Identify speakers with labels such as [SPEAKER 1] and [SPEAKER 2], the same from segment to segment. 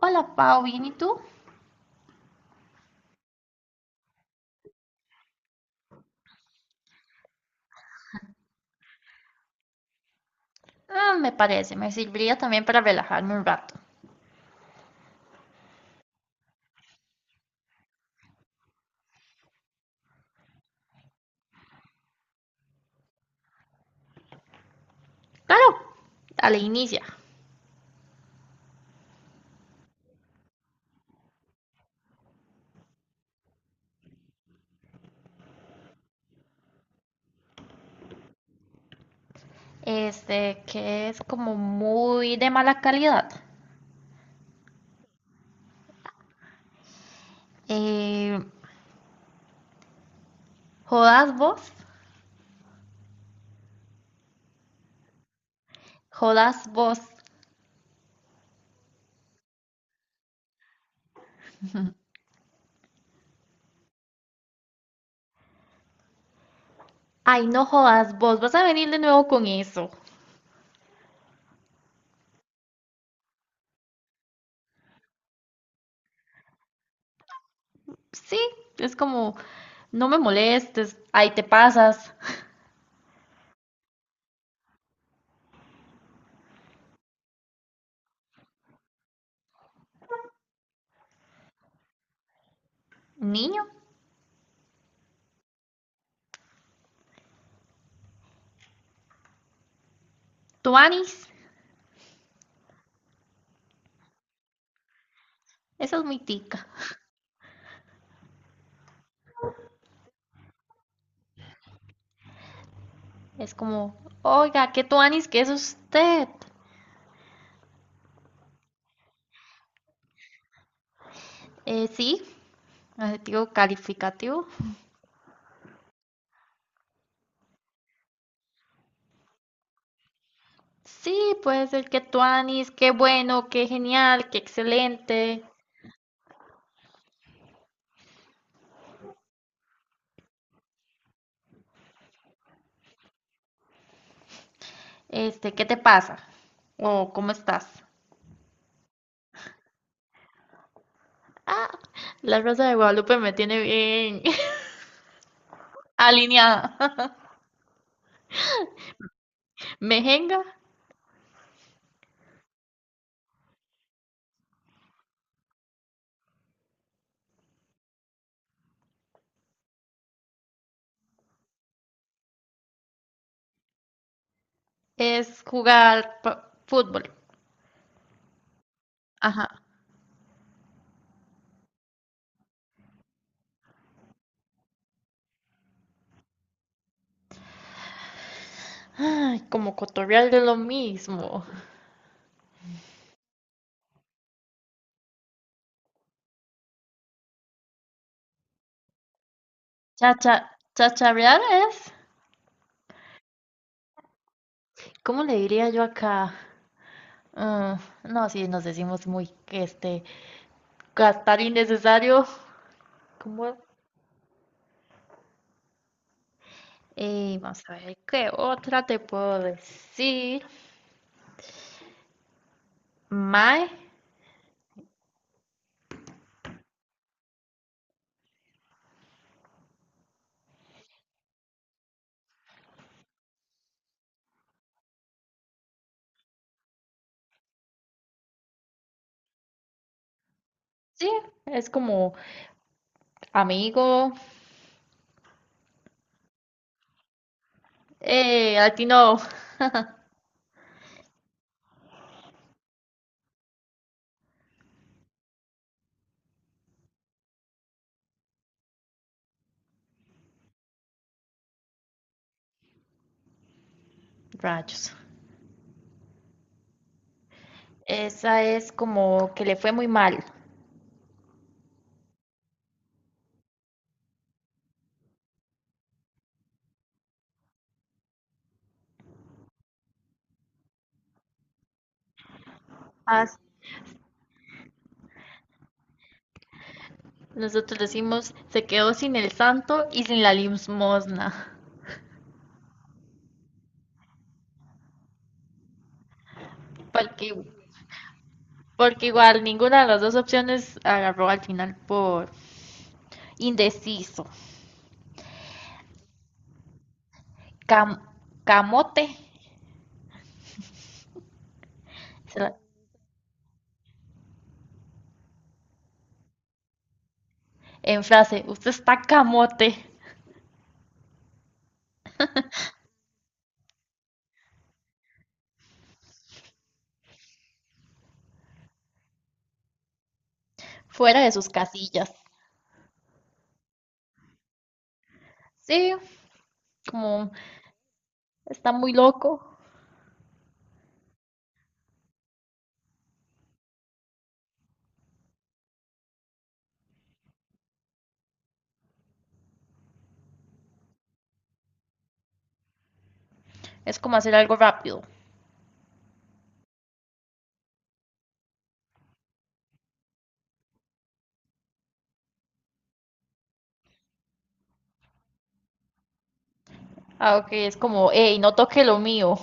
[SPEAKER 1] Hola, Pau, ¿bien y tú? Ah, me parece, me serviría también para relajarme un rato. Claro, dale, inicia. Este, que es como muy de mala calidad. Eh, jodas vos, jodas vos. Ay, no jodas vos, vas a venir de nuevo con eso. Sí, es como, no me molestes, ahí te pasas. Niño, tuanis, esa es muy tica. Es como, oiga, ¿qué tuanis? ¿Qué es usted? Sí, adjetivo calificativo. Sí, puede ser que tuanis, qué bueno, qué genial, qué excelente. Este, ¿qué te pasa? O ¿cómo estás? La Rosa de Guadalupe me tiene bien alineada. Mejenga es jugar fútbol. Ajá. Ay, como cotorrear de lo mismo. Chacha, chacharear es. ¿Cómo le diría yo acá? Mm, no, sí, nos decimos muy, este, gastar innecesario. ¿Cómo? Y vamos a ver, ¿qué otra te puedo decir? Mae, sí, es como amigo, a ti no. Rayos. Esa es como que le fue muy mal. As- Nosotros decimos, se quedó sin el santo y sin la limosna, porque, porque igual ninguna de las dos opciones agarró al final por indeciso. Cam- camote, se la- en frase, usted está camote. Fuera de sus casillas. Sí, como está muy loco, es como hacer algo rápido. Ah, ok, es como, hey, no toque lo mío.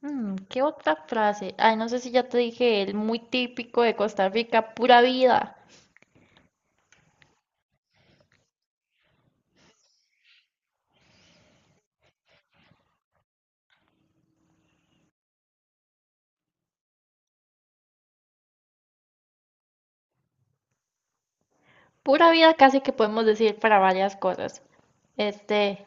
[SPEAKER 1] ¿Qué otra frase? Ay, no sé si ya te dije, el muy típico de Costa Rica, pura vida. Pura vida casi que podemos decir para varias cosas. Este,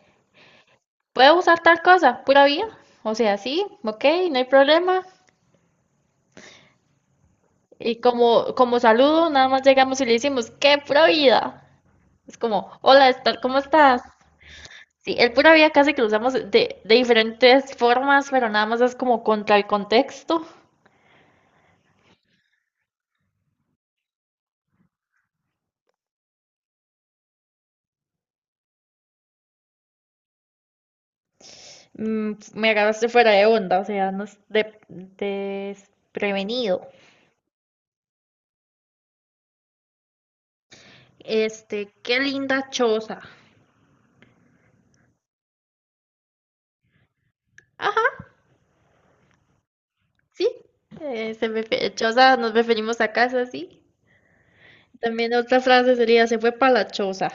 [SPEAKER 1] ¿puedo usar tal cosa? Pura vida. O sea, sí, ok, no hay problema. Y como, como saludo, nada más llegamos y le decimos, ¿qué pura vida? Es como, hola, Estar, ¿cómo estás? Sí, el pura vida casi que lo usamos de diferentes formas, pero nada más es como contra el contexto. Me agarraste fuera de onda, o sea, no es desprevenido. Este, qué linda choza. Ajá, sí, choza nos referimos a casa, sí. También otra frase sería, se fue para la choza.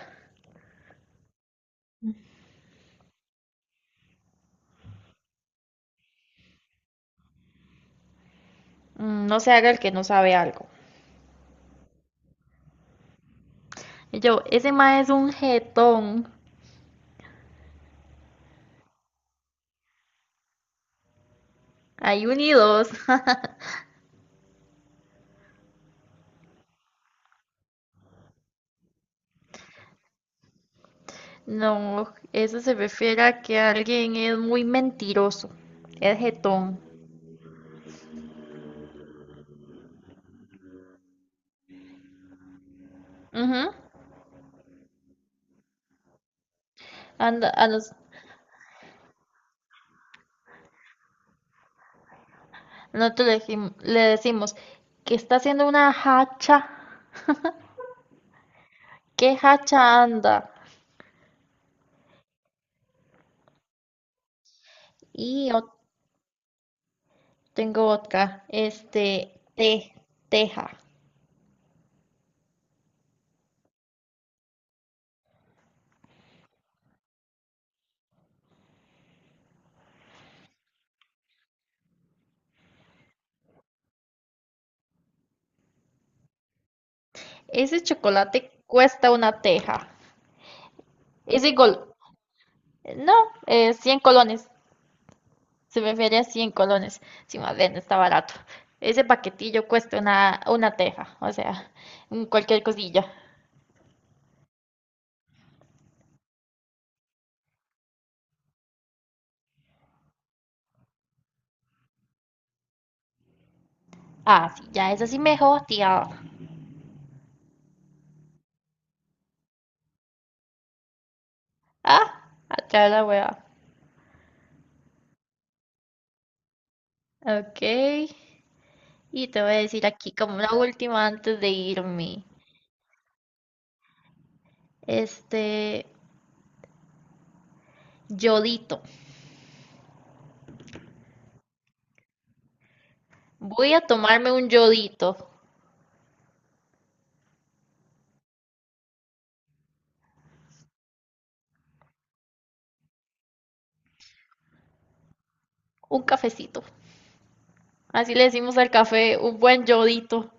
[SPEAKER 1] No se haga el que no sabe algo. Y yo, ese ma es un jetón. Hay un y dos. No, eso se refiere a que alguien es muy mentiroso, es jetón. Ujú. Anda- a los- nosotros le, le decimos que está haciendo una hacha. ¿Qué hacha anda? Y yo tengo otra, este, te, teja. Ese chocolate cuesta una teja. Es igual, no, 100 colones. Se me feria 100 colones. Sí, más bien, está barato. Ese paquetillo cuesta una, teja, o sea, un cualquier cosilla. Ah, sí, ya es así mejor, tía. Ah, atrás la hueva. Ok. Y te voy a decir aquí como una última antes de irme. Este, yodito. Voy a tomarme un yodito, un cafecito. Así le decimos al café, un buen yodito.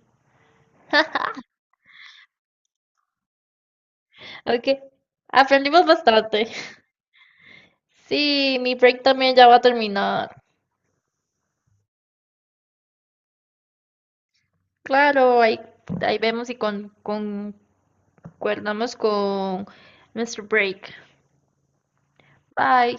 [SPEAKER 1] Ok. Aprendimos bastante. Sí, mi break también ya va a terminar. Claro, ahí, ahí vemos y con, concordamos con nuestro break. Bye.